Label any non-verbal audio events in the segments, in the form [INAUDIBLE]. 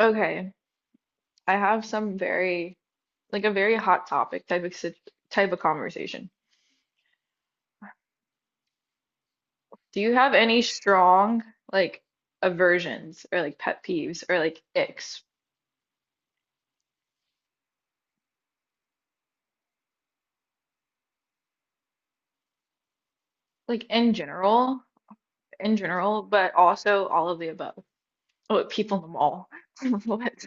Okay, I have some very a very hot topic type of type of conversation. Do you have any strong, like, aversions or like pet peeves or like icks like in general, in general, but also all of the above? Oh, people in the mall. [LAUGHS] What?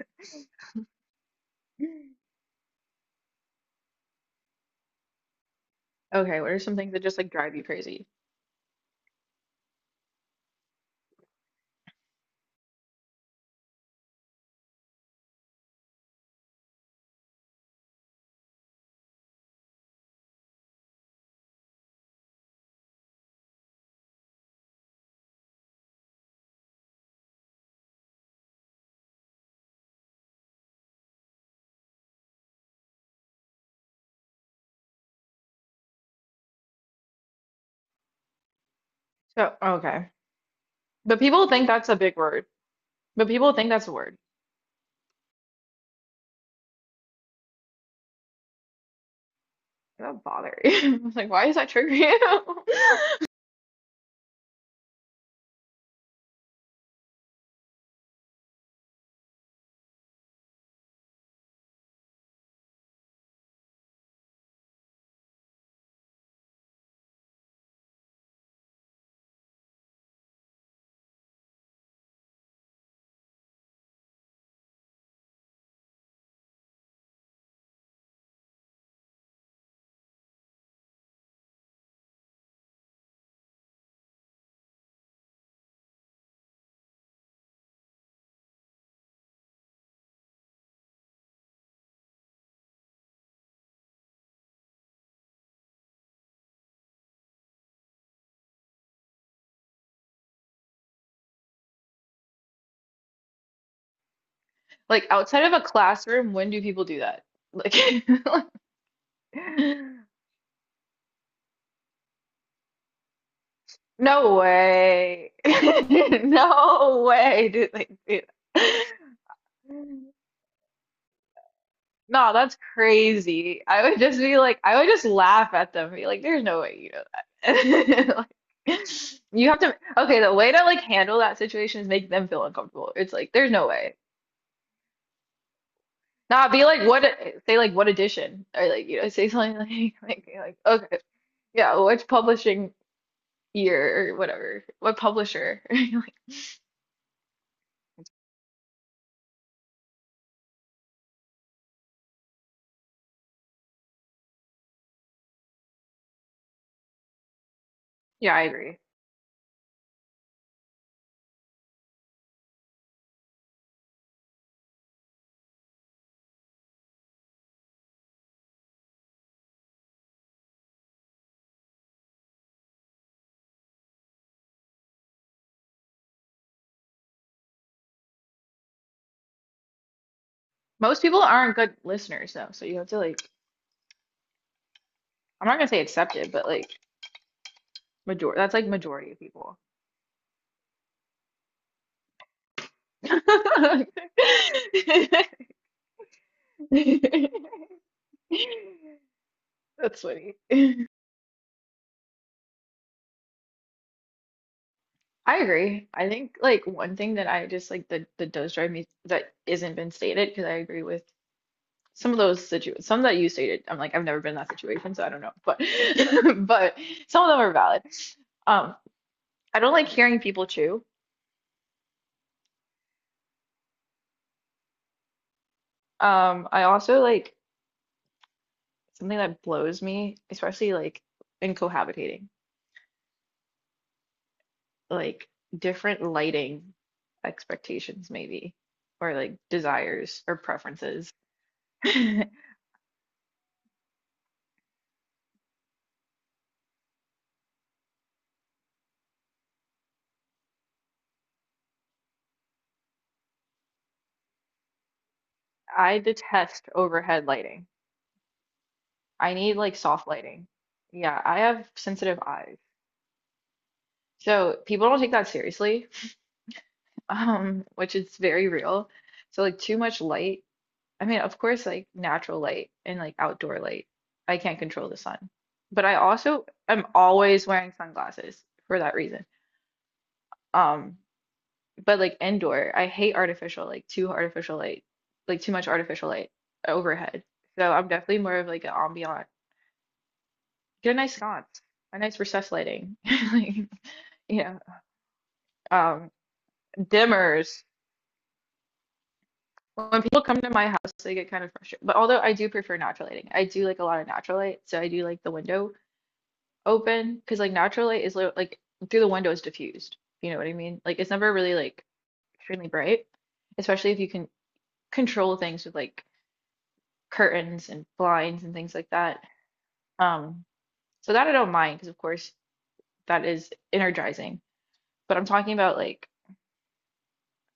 Okay, what are some things that just like drive you crazy? So okay, but people think that's a big word. But people think that's a word. That bother you. [LAUGHS] I was like, why does that trigger you? [LAUGHS] Like outside of a classroom, when do people do that? Like, [LAUGHS] no way. [LAUGHS] No way dude. They do. No, that's crazy. I would just be like, I would just laugh at them, be like, there's no way you know that. [LAUGHS] Like, you have to, okay, the way to like handle that situation is make them feel uncomfortable. It's like, there's no way. Nah, be like, what, say like, what edition? Or like, you know, say something like, [LAUGHS] like okay, yeah, which publishing year or whatever, what publisher. [LAUGHS] Like, yeah, I agree. Most people aren't good listeners though, so you have to like, I'm not gonna say accepted, but like major, that's like majority of people. [LAUGHS] That's funny. I agree. I think like one thing that I just like that does drive me that isn't been stated because I agree with some of those situ some that you stated. I'm like I've never been in that situation, so I don't know, but [LAUGHS] but some of them are valid. Um. I don't like hearing people chew. I also like something that blows me, especially like in cohabitating, like different lighting expectations maybe, or like desires or preferences. [LAUGHS] I detest overhead lighting. I need like soft lighting. Yeah, I have sensitive eyes. So people don't take that seriously, [LAUGHS] which is very real. So like too much light, I mean, of course, like natural light and like outdoor light. I can't control the sun. But I also am always wearing sunglasses for that reason. Um, but like indoor, I hate artificial, like too artificial light, like too much artificial light overhead. So I'm definitely more of like an ambient. Get a nice sconce, a nice recessed lighting. [LAUGHS] Like, yeah. Um, Dimmers. When people come to my house, they get kind of frustrated. But although I do prefer natural lighting, I do like a lot of natural light. So I do like the window open because like natural light is like through the window is diffused. If you know what I mean? Like it's never really like extremely bright, especially if you can control things with like curtains and blinds and things like that. Um, so that I don't mind because of course that is energizing. But I'm talking about like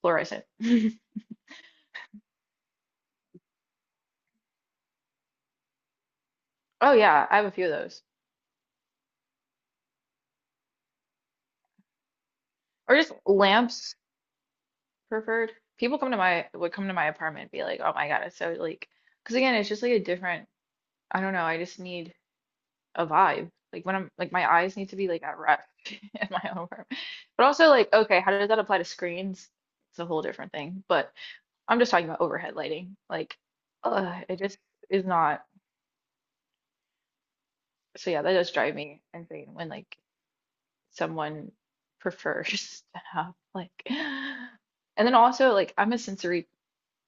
fluorescent. [LAUGHS] Oh yeah, I have a few of those. Or just lamps preferred. People come to my would come to my apartment and be like, "Oh my God, it's so like." Because again, it's just like a different. I don't know. I just need a vibe. Like when I'm like my eyes need to be like at rest [LAUGHS] in my own room. But also like, okay, how does that apply to screens? It's a whole different thing. But I'm just talking about overhead lighting. Like, it just is not. So yeah, that does drive me insane when like someone prefers [LAUGHS] to have like. [GASPS] And then also like I'm a sensory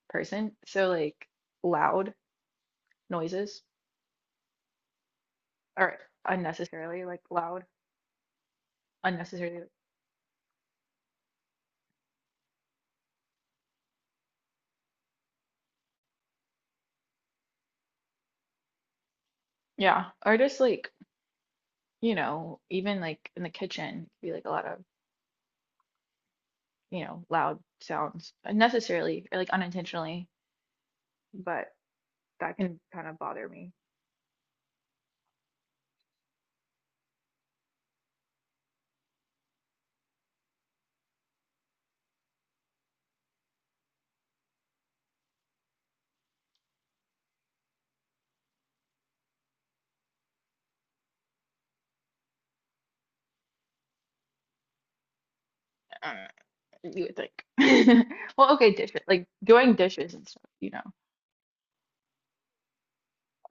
person, so like loud noises are unnecessarily like loud, unnecessarily. Yeah, or just like you know, even like in the kitchen, be like a lot of, you know, loud sounds unnecessarily or like unintentionally, but that can kind of bother me. Uh, you would think. [LAUGHS] Well, okay, dishes, like doing dishes and stuff, you know,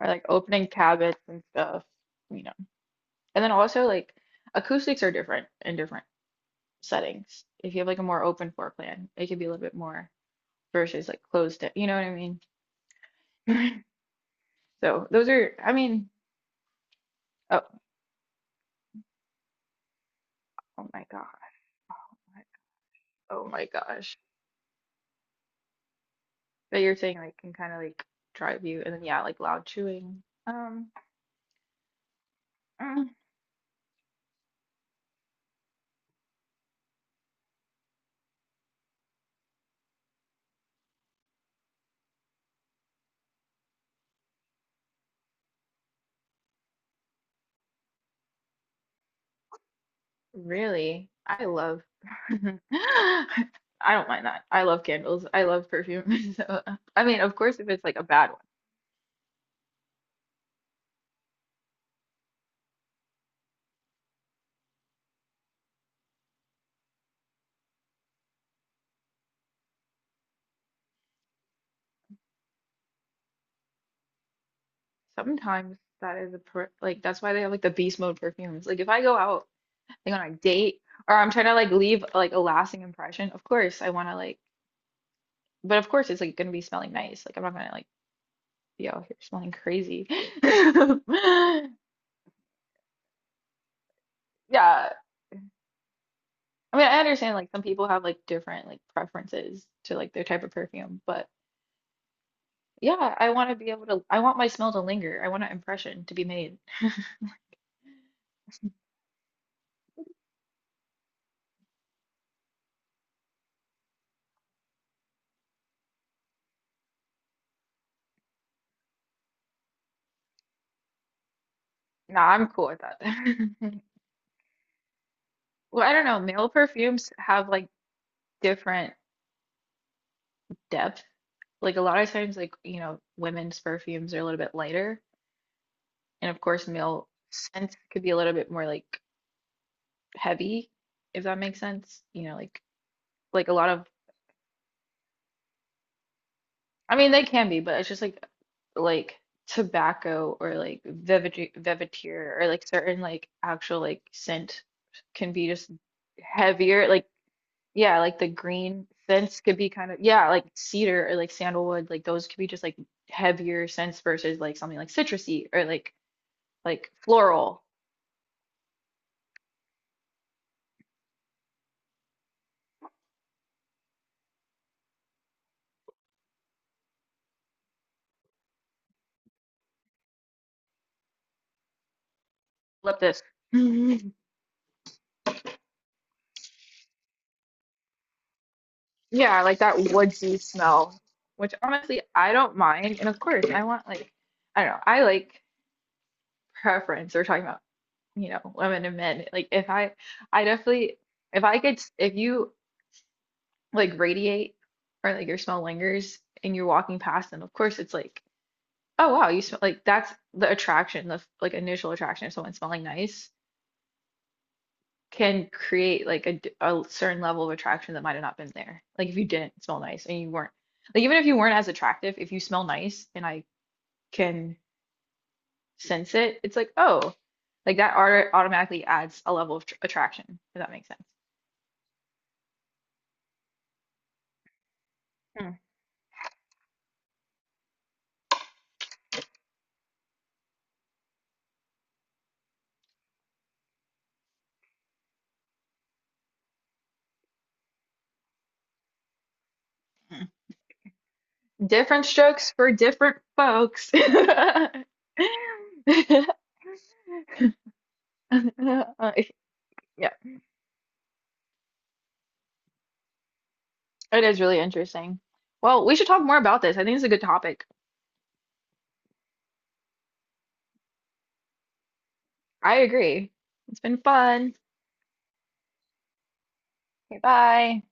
or like opening cabinets and stuff, you know. And then also like acoustics are different in different settings. If you have like a more open floor plan, it could be a little bit more versus like closed, you know what I mean? [LAUGHS] So those are, I mean, oh, oh my God. Oh my gosh. But you're saying like can kind of like drive you, and then yeah, like loud chewing. Mm, really, I love. [LAUGHS] I don't mind that. I love candles. I love perfume. [LAUGHS] So I mean, of course, if it's like a bad one, sometimes that is a per like that's why they have like the beast mode perfumes. Like if I go out like on a date or I'm trying to like leave like a lasting impression, of course I want to like, but of course it's like gonna be smelling nice. Like I'm not gonna like be out here smelling crazy. [LAUGHS] Yeah. I mean, I understand like some people have like different like preferences to like their type of perfume, but yeah, I want to be able to I want my smell to linger. I want an impression to be made. No, I'm cool with that. [LAUGHS] Well, I don't know. Male perfumes have like different depth. Like a lot of times like, you know, women's perfumes are a little bit lighter, and of course male scents could be a little bit more like heavy, if that makes sense. You know, like a lot of I mean, they can be, but it's just like tobacco or like velvet velvetier or like certain like actual like scent can be just heavier. Like yeah, like the green scents could be kind of yeah, like cedar or like sandalwood, like those could be just like heavier scents versus like something like citrusy or like floral. Love this. [LAUGHS] Mhm. Yeah, like that woodsy smell, which honestly I don't mind. And of course, I want like I don't know, I like preference. We're talking about you know, women and men. Like if I I definitely if I could if you like radiate or like your smell lingers and you're walking past them, of course it's like, oh wow, you smell like that's the attraction, the like initial attraction of someone smelling nice can create like a, a certain level of attraction that might have not been there. Like if you didn't smell nice and you weren't like even if you weren't as attractive, if you smell nice and I can sense it, it's like, oh, like that art automatically adds a level of tr attraction, if that makes sense. Different strokes for different folks. [LAUGHS] Yeah, it is really interesting. Well, we should talk more about this. I think it's a good topic. I agree. It's been fun. Okay, bye.